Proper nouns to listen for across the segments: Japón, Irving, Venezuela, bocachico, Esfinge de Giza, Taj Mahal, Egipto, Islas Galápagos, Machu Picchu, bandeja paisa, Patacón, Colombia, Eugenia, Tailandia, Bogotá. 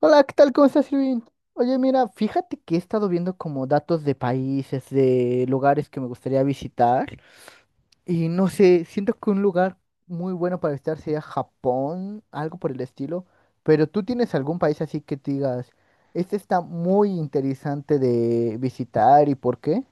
Hola, ¿qué tal? ¿Cómo estás, Irving? Oye, mira, fíjate que he estado viendo como datos de países, de lugares que me gustaría visitar y no sé, siento que un lugar muy bueno para visitar sería Japón, algo por el estilo, pero ¿tú tienes algún país así que te digas, este está muy interesante de visitar y por qué?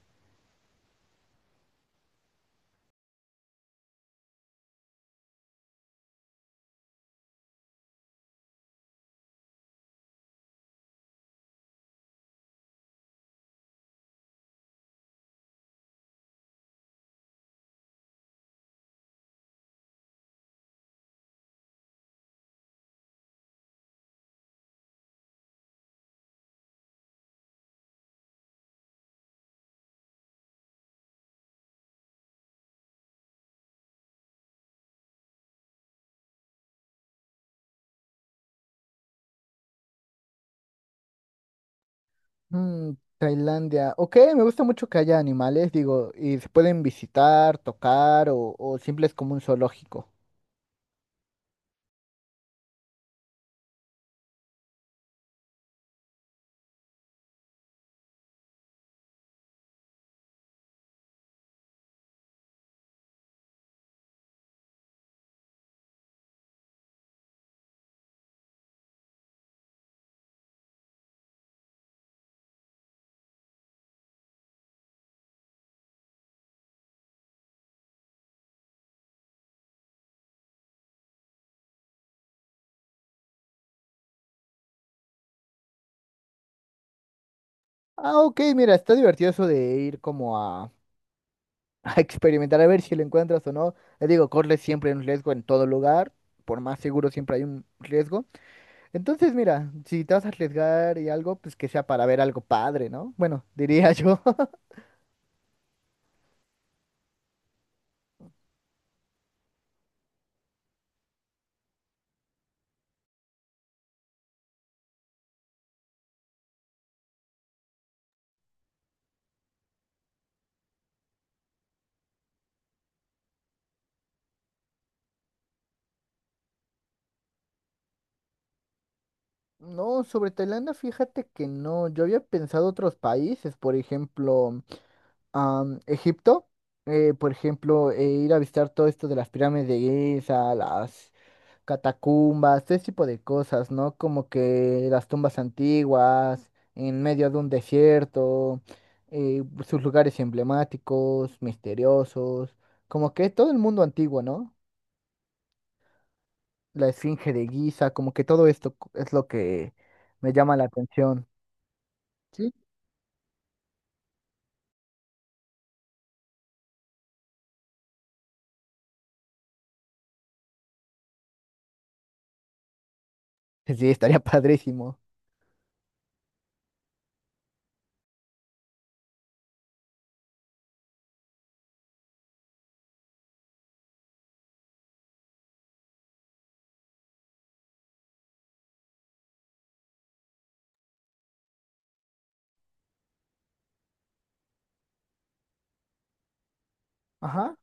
Mm, Tailandia, ok, me gusta mucho que haya animales, digo, y se pueden visitar, tocar o simple es como un zoológico. Ah, ok, mira, está divertido eso de ir como a, a experimentar a ver si lo encuentras o no. Les digo, corre siempre un riesgo en todo lugar, por más seguro siempre hay un riesgo. Entonces, mira, si te vas a arriesgar y algo, pues que sea para ver algo padre, ¿no? Bueno, diría yo. No, sobre Tailandia, fíjate que no. Yo había pensado otros países, por ejemplo, Egipto, por ejemplo, ir a visitar todo esto de las pirámides de Giza, las catacumbas, ese tipo de cosas, ¿no? Como que las tumbas antiguas, en medio de un desierto, sus lugares emblemáticos, misteriosos, como que todo el mundo antiguo, ¿no? La Esfinge de Giza, como que todo esto es lo que me llama la atención. Sí, sí, estaría padrísimo. Ajá.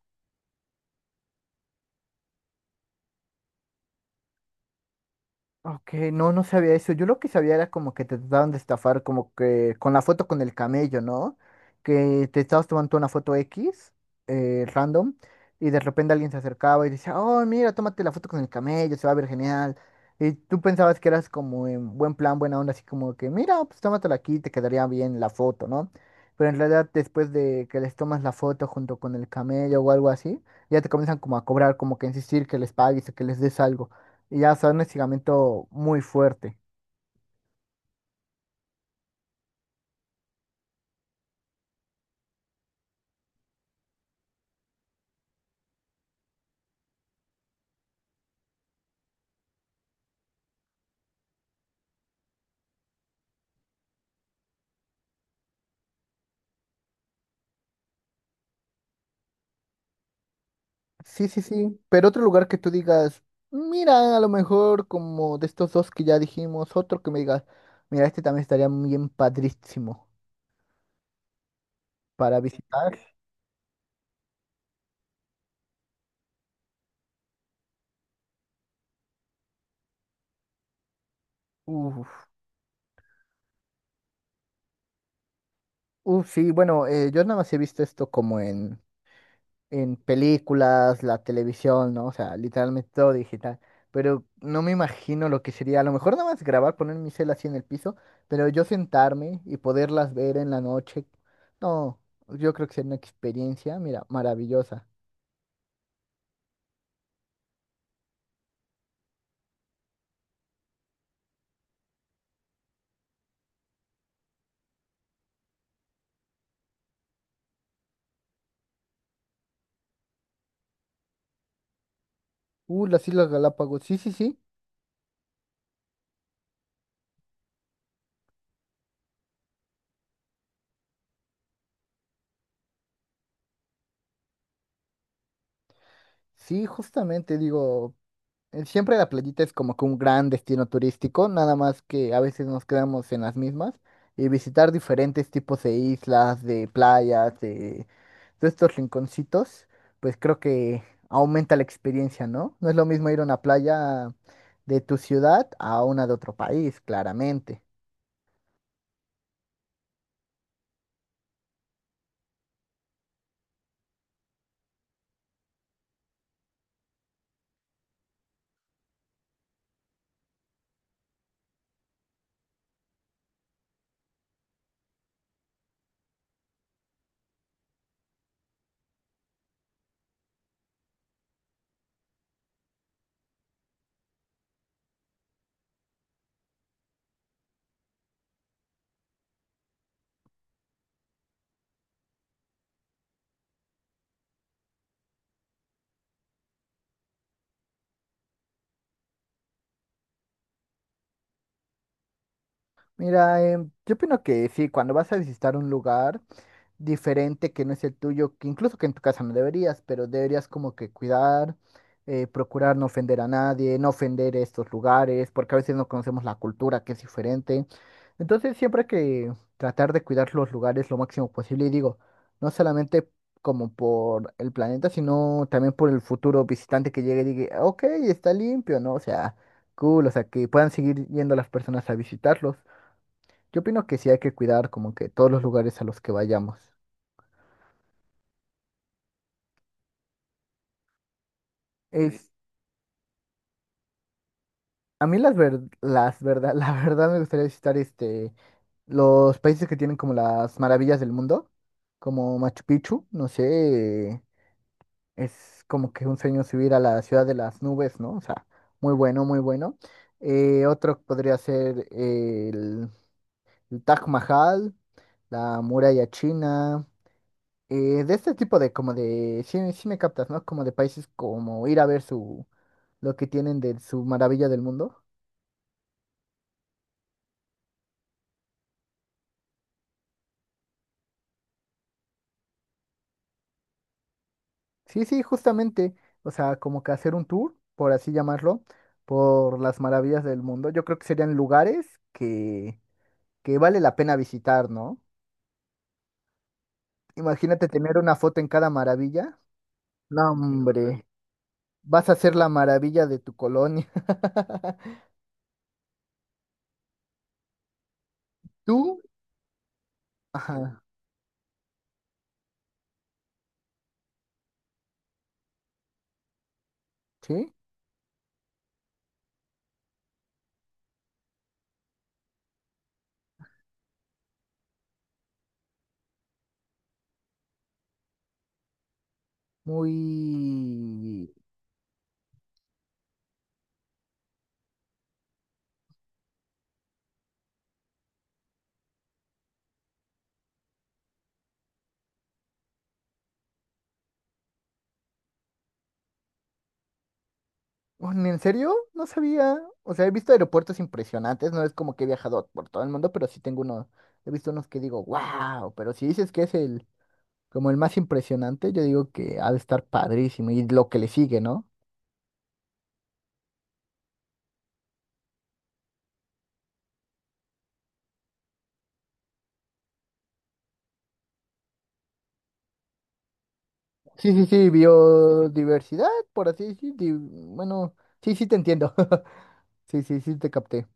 Ok, no, no sabía eso. Yo lo que sabía era como que te trataban de estafar, como que con la foto con el camello, ¿no? Que te estabas tomando una foto X, random, y de repente alguien se acercaba y decía, oh, mira, tómate la foto con el camello, se va a ver genial. Y tú pensabas que eras como en buen plan, buena onda, así como que, mira, pues tómatela aquí, te quedaría bien la foto, ¿no? Pero en realidad después de que les tomas la foto junto con el camello o algo así, ya te comienzan como a cobrar, como que a insistir que les pagues o que les des algo. Y ya, o sea, un estiramiento muy fuerte. Sí, sí, sí. Pero otro lugar que tú digas, mira, a lo mejor como de estos dos que ya dijimos, otro que me digas, mira, este también estaría bien padrísimo para visitar. Uf, uf, sí, bueno, yo nada más he visto esto como en películas, la televisión, ¿no? O sea, literalmente todo digital. Pero no me imagino lo que sería, a lo mejor nada más grabar, poner mi cel así en el piso, pero yo sentarme y poderlas ver en la noche. No, yo creo que sería una experiencia, mira, maravillosa. Las Islas Galápagos, sí, sí, sí. Sí, justamente digo, siempre la playita es como que un gran destino turístico, nada más que a veces nos quedamos en las mismas y visitar diferentes tipos de islas, de playas, de estos rinconcitos, pues creo que aumenta la experiencia, ¿no? No es lo mismo ir a una playa de tu ciudad a una de otro país, claramente. Mira, yo opino que sí, cuando vas a visitar un lugar, diferente que no es el tuyo, que incluso que en tu casa no deberías, pero deberías como que cuidar, procurar no ofender a nadie, no ofender estos lugares, porque a veces no conocemos la cultura que es diferente. Entonces siempre hay que tratar de cuidar los lugares lo máximo posible y digo, no solamente como por el planeta, sino también por el futuro visitante que llegue y diga, ok, está limpio, ¿no? O sea, cool, o sea, que puedan seguir yendo las personas a visitarlos. Yo opino que sí hay que cuidar como que todos los lugares a los que vayamos. Es, a mí las ver, las verdad, la verdad me gustaría visitar este los países que tienen como las maravillas del mundo, como Machu Picchu, no sé, es como que un sueño subir a la ciudad de las nubes, ¿no? O sea, muy bueno, muy bueno. Otro podría ser el Taj Mahal, la muralla china, de este tipo de como de, sí, sí me captas, ¿no? Como de países como ir a ver su, lo que tienen de su maravilla del mundo. Sí, sí, justamente, o sea, como que hacer un tour, por así llamarlo, por las maravillas del mundo. Yo creo que serían lugares que vale la pena visitar, ¿no? Imagínate tener una foto en cada maravilla. No, hombre, vas a ser la maravilla de tu colonia. Tú, ajá, sí, muy... ¿En serio? No sabía. O sea, he visto aeropuertos impresionantes, no es como que he viajado por todo el mundo, pero sí tengo uno, he visto unos que digo, wow, pero si dices que es el... Como el más impresionante, yo digo que ha de estar padrísimo y lo que le sigue, ¿no? Sí, sí, sí, biodiversidad, por así decir. Bueno, sí, sí, te entiendo. Sí, sí, sí, te capté.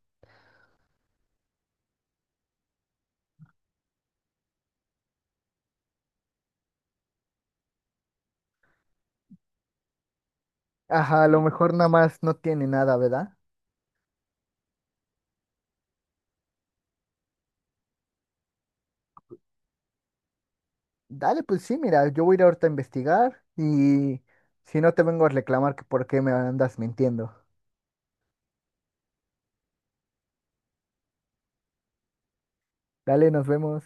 Ajá, a lo mejor nada más no tiene nada, ¿verdad? Dale, pues sí, mira, yo voy a ir ahorita a investigar y si no te vengo a reclamar que por qué me andas mintiendo. Dale, nos vemos.